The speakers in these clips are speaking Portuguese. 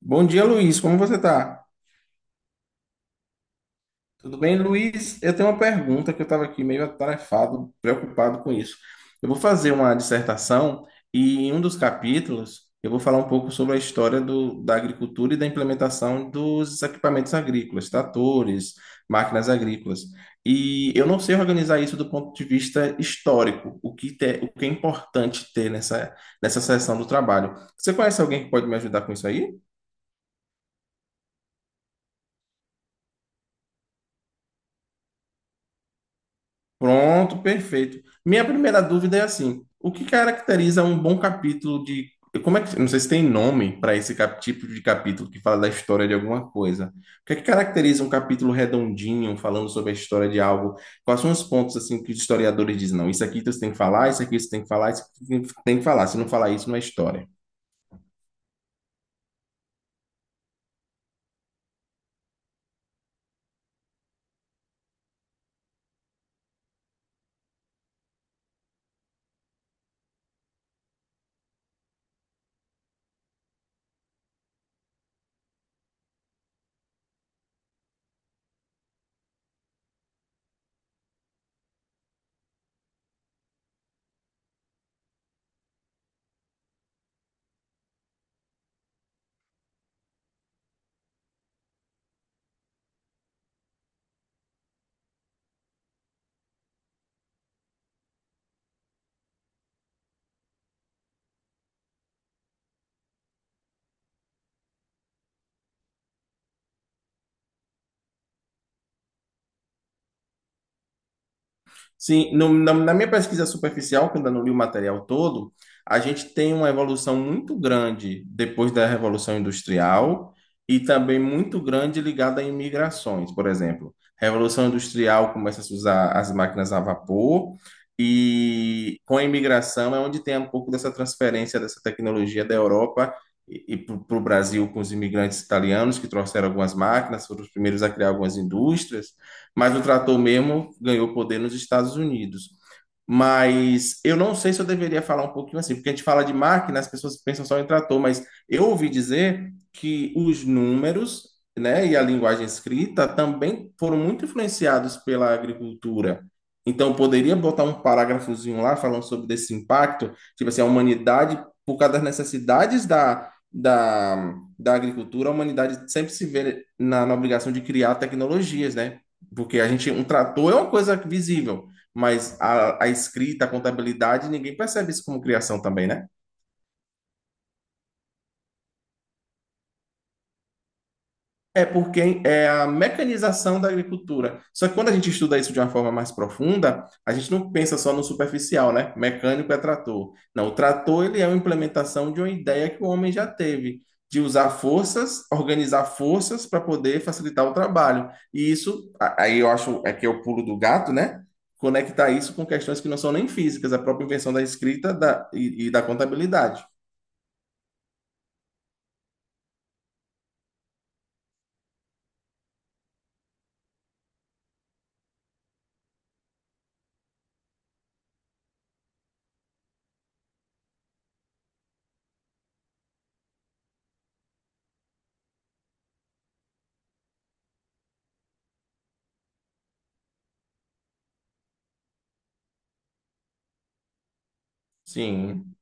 Bom dia, Luiz. Como você tá? Tudo bem, Luiz? Eu tenho uma pergunta que eu estava aqui meio atarefado, preocupado com isso. Eu vou fazer uma dissertação e em um dos capítulos eu vou falar um pouco sobre a história da agricultura e da implementação dos equipamentos agrícolas, tratores, máquinas agrícolas. E eu não sei organizar isso do ponto de vista histórico, o que é importante ter nessa seção do trabalho. Você conhece alguém que pode me ajudar com isso aí? Pronto, perfeito. Minha primeira dúvida é assim: o que caracteriza um bom capítulo de. Como é que. Não sei se tem nome para esse tipo de capítulo que fala da história de alguma coisa. O que é que caracteriza um capítulo redondinho, falando sobre a história de algo? Quais são os pontos assim que os historiadores dizem? Não, isso aqui você tem que falar, isso aqui você tem que falar, isso aqui você tem que falar. Se não falar isso, não é história. Sim, na minha pesquisa superficial, que eu ainda não li o material todo, a gente tem uma evolução muito grande depois da Revolução Industrial e também muito grande ligada a imigrações, por exemplo. Revolução Industrial começa a se usar as máquinas a vapor e com a imigração é onde tem um pouco dessa transferência dessa tecnologia da Europa e para o Brasil com os imigrantes italianos que trouxeram algumas máquinas, foram os primeiros a criar algumas indústrias. Mas o trator mesmo ganhou poder nos Estados Unidos. Mas eu não sei se eu deveria falar um pouquinho assim, porque a gente fala de máquina, as pessoas pensam só em trator, mas eu ouvi dizer que os números, né, e a linguagem escrita também foram muito influenciados pela agricultura. Então, eu poderia botar um parágrafozinho lá falando sobre desse impacto, tipo assim, a humanidade, por causa das necessidades da agricultura, a humanidade sempre se vê na obrigação de criar tecnologias, né? Porque a gente, um trator é uma coisa visível, mas a escrita, a contabilidade, ninguém percebe isso como criação também, né? É porque é a mecanização da agricultura. Só que quando a gente estuda isso de uma forma mais profunda, a gente não pensa só no superficial, né? Mecânico é trator. Não, o trator ele é uma implementação de uma ideia que o homem já teve, de usar forças, organizar forças para poder facilitar o trabalho. E isso, aí eu acho é que é o pulo do gato, né? Conectar isso com questões que não são nem físicas, a própria invenção da escrita e da contabilidade. Sim,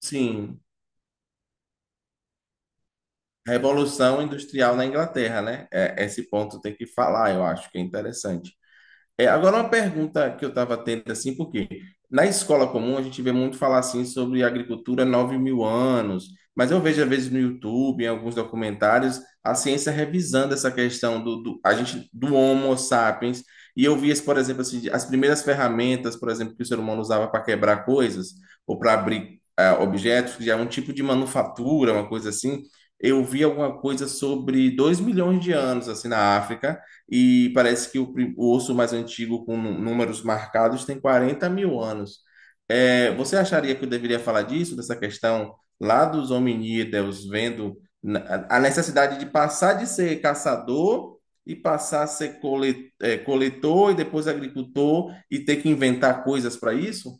sim. Revolução Industrial na Inglaterra, né? É, esse ponto tem que falar, eu acho que é interessante. É, agora uma pergunta que eu estava tendo assim, porque na escola comum a gente vê muito falar assim sobre agricultura 9 mil anos, mas eu vejo às vezes no YouTube, em alguns documentários, a ciência revisando essa questão a gente do Homo sapiens, e eu vi, por exemplo, assim, as primeiras ferramentas, por exemplo, que o ser humano usava para quebrar coisas ou para abrir objetos, que já é um tipo de manufatura, uma coisa assim. Eu vi alguma coisa sobre 2 milhões de anos assim na África e parece que o, o osso mais antigo com números marcados tem 40 mil anos. É, você acharia que eu deveria falar disso, dessa questão lá dos hominídeos, vendo a necessidade de passar de ser caçador e passar a ser coletor e depois agricultor e ter que inventar coisas para isso?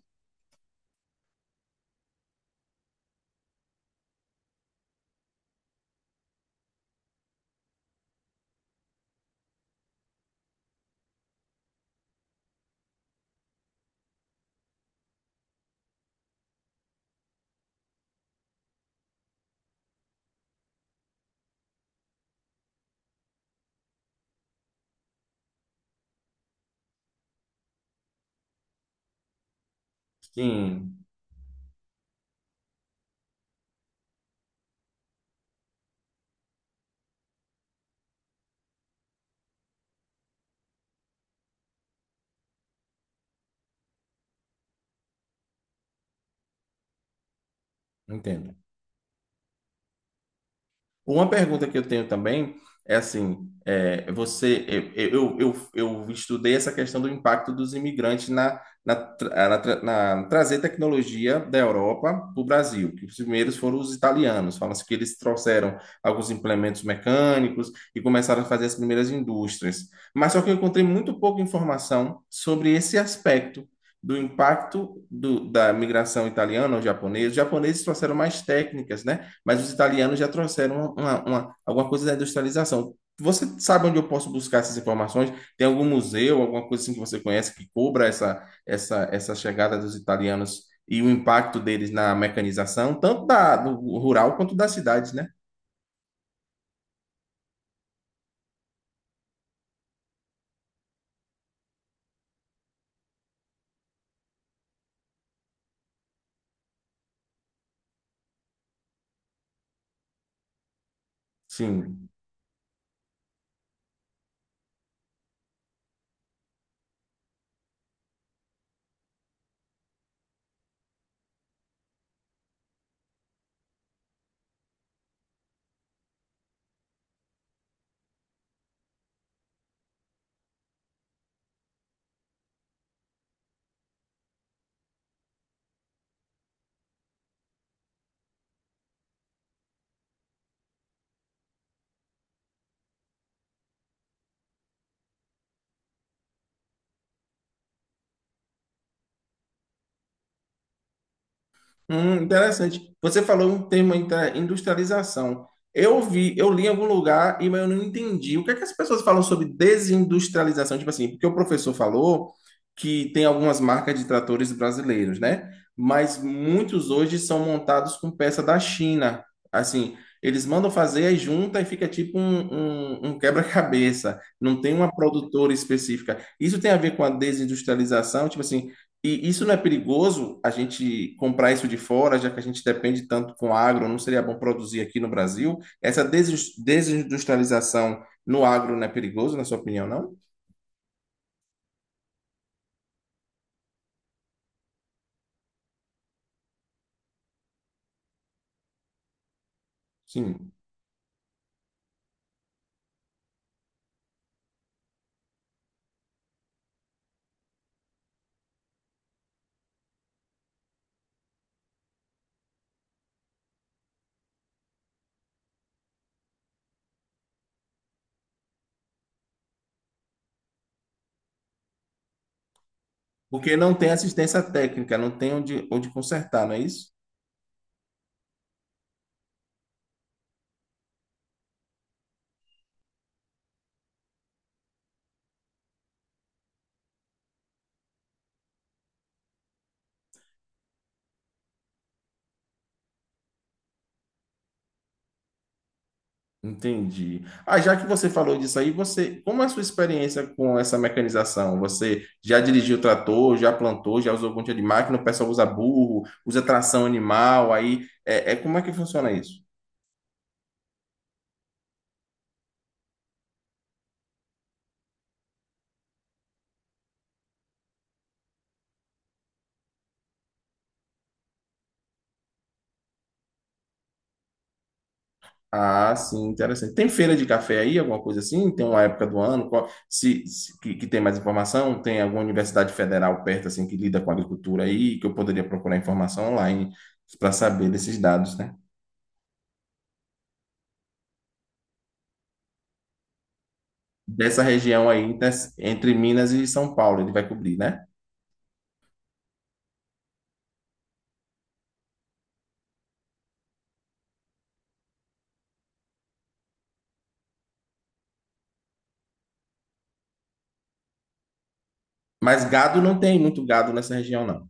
Sim, entendo. Uma pergunta que eu tenho também é assim, você, eu estudei essa questão do impacto dos imigrantes na trazer tecnologia da Europa para o Brasil, que os primeiros foram os italianos, fala-se que eles trouxeram alguns implementos mecânicos e começaram a fazer as primeiras indústrias. Mas só que eu encontrei muito pouca informação sobre esse aspecto do- impacto da migração italiana ou japonesa. Os japoneses trouxeram mais técnicas, né? Mas os italianos já trouxeram uma, alguma coisa da industrialização. Você sabe onde eu posso buscar essas informações? Tem algum museu, alguma coisa assim que você conhece que cobra essa chegada dos italianos e o impacto deles na mecanização, tanto do rural quanto das cidades, né? Sim. Interessante. Você falou um termo industrialização. Eu vi, eu li em algum lugar e mas eu não entendi. O que é que as pessoas falam sobre desindustrialização? Tipo assim, porque o professor falou que tem algumas marcas de tratores brasileiros, né? Mas muitos hoje são montados com peça da China. Assim, eles mandam fazer, aí junta e fica tipo um, um quebra-cabeça. Não tem uma produtora específica. Isso tem a ver com a desindustrialização? Tipo assim, e isso não é perigoso a gente comprar isso de fora, já que a gente depende tanto com agro, não seria bom produzir aqui no Brasil? Essa desindustrialização no agro não é perigoso, na sua opinião, não? Sim. Porque não tem assistência técnica, não tem onde, onde consertar, não é isso? Entendi. Ah, já que você falou disso aí, você, como é a sua experiência com essa mecanização? Você já dirigiu trator, já plantou, já usou algum tipo de máquina? O pessoal usa burro, usa tração animal, aí como é que funciona isso? Ah, sim, interessante. Tem feira de café aí, alguma coisa assim? Tem uma época do ano? Que tem mais informação? Tem alguma universidade federal perto assim que lida com agricultura aí, que eu poderia procurar informação online para saber desses dados, né? Dessa região aí entre Minas e São Paulo, ele vai cobrir, né? Mas gado não tem muito gado nessa região, não.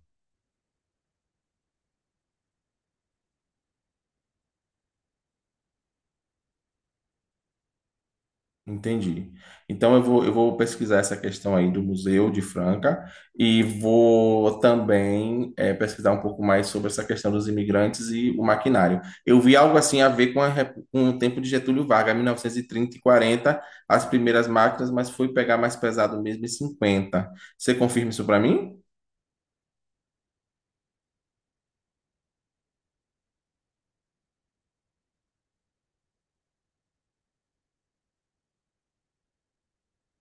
Entendi. Então eu vou pesquisar essa questão aí do Museu de Franca e vou também pesquisar um pouco mais sobre essa questão dos imigrantes e o maquinário. Eu vi algo assim a ver com o tempo de Getúlio Vargas, 1930 e 1940, as primeiras máquinas, mas foi pegar mais pesado mesmo em 50. Você confirma isso para mim?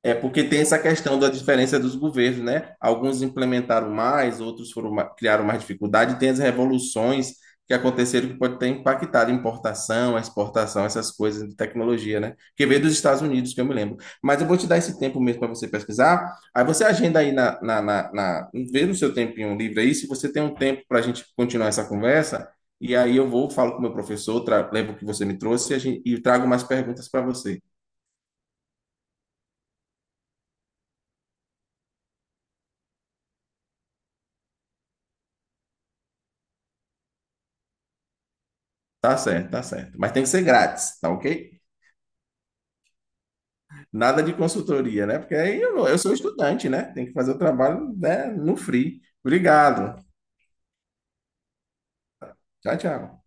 É porque tem essa questão da diferença dos governos, né? Alguns implementaram mais, outros foram criaram mais dificuldade. Tem as revoluções que aconteceram que pode ter impactado a importação, a exportação, essas coisas de tecnologia, né? Que veio dos Estados Unidos, que eu me lembro. Mas eu vou te dar esse tempo mesmo para você pesquisar. Aí você agenda aí vê no seu tempinho livre aí, se você tem um tempo para a gente continuar essa conversa. E aí falo com o meu professor, levo o que você me trouxe e trago mais perguntas para você. Tá certo, tá certo. Mas tem que ser grátis, tá ok? Nada de consultoria, né? Porque aí eu sou estudante, né? Tem que fazer o trabalho, né, no free. Obrigado. Tchau, tchau.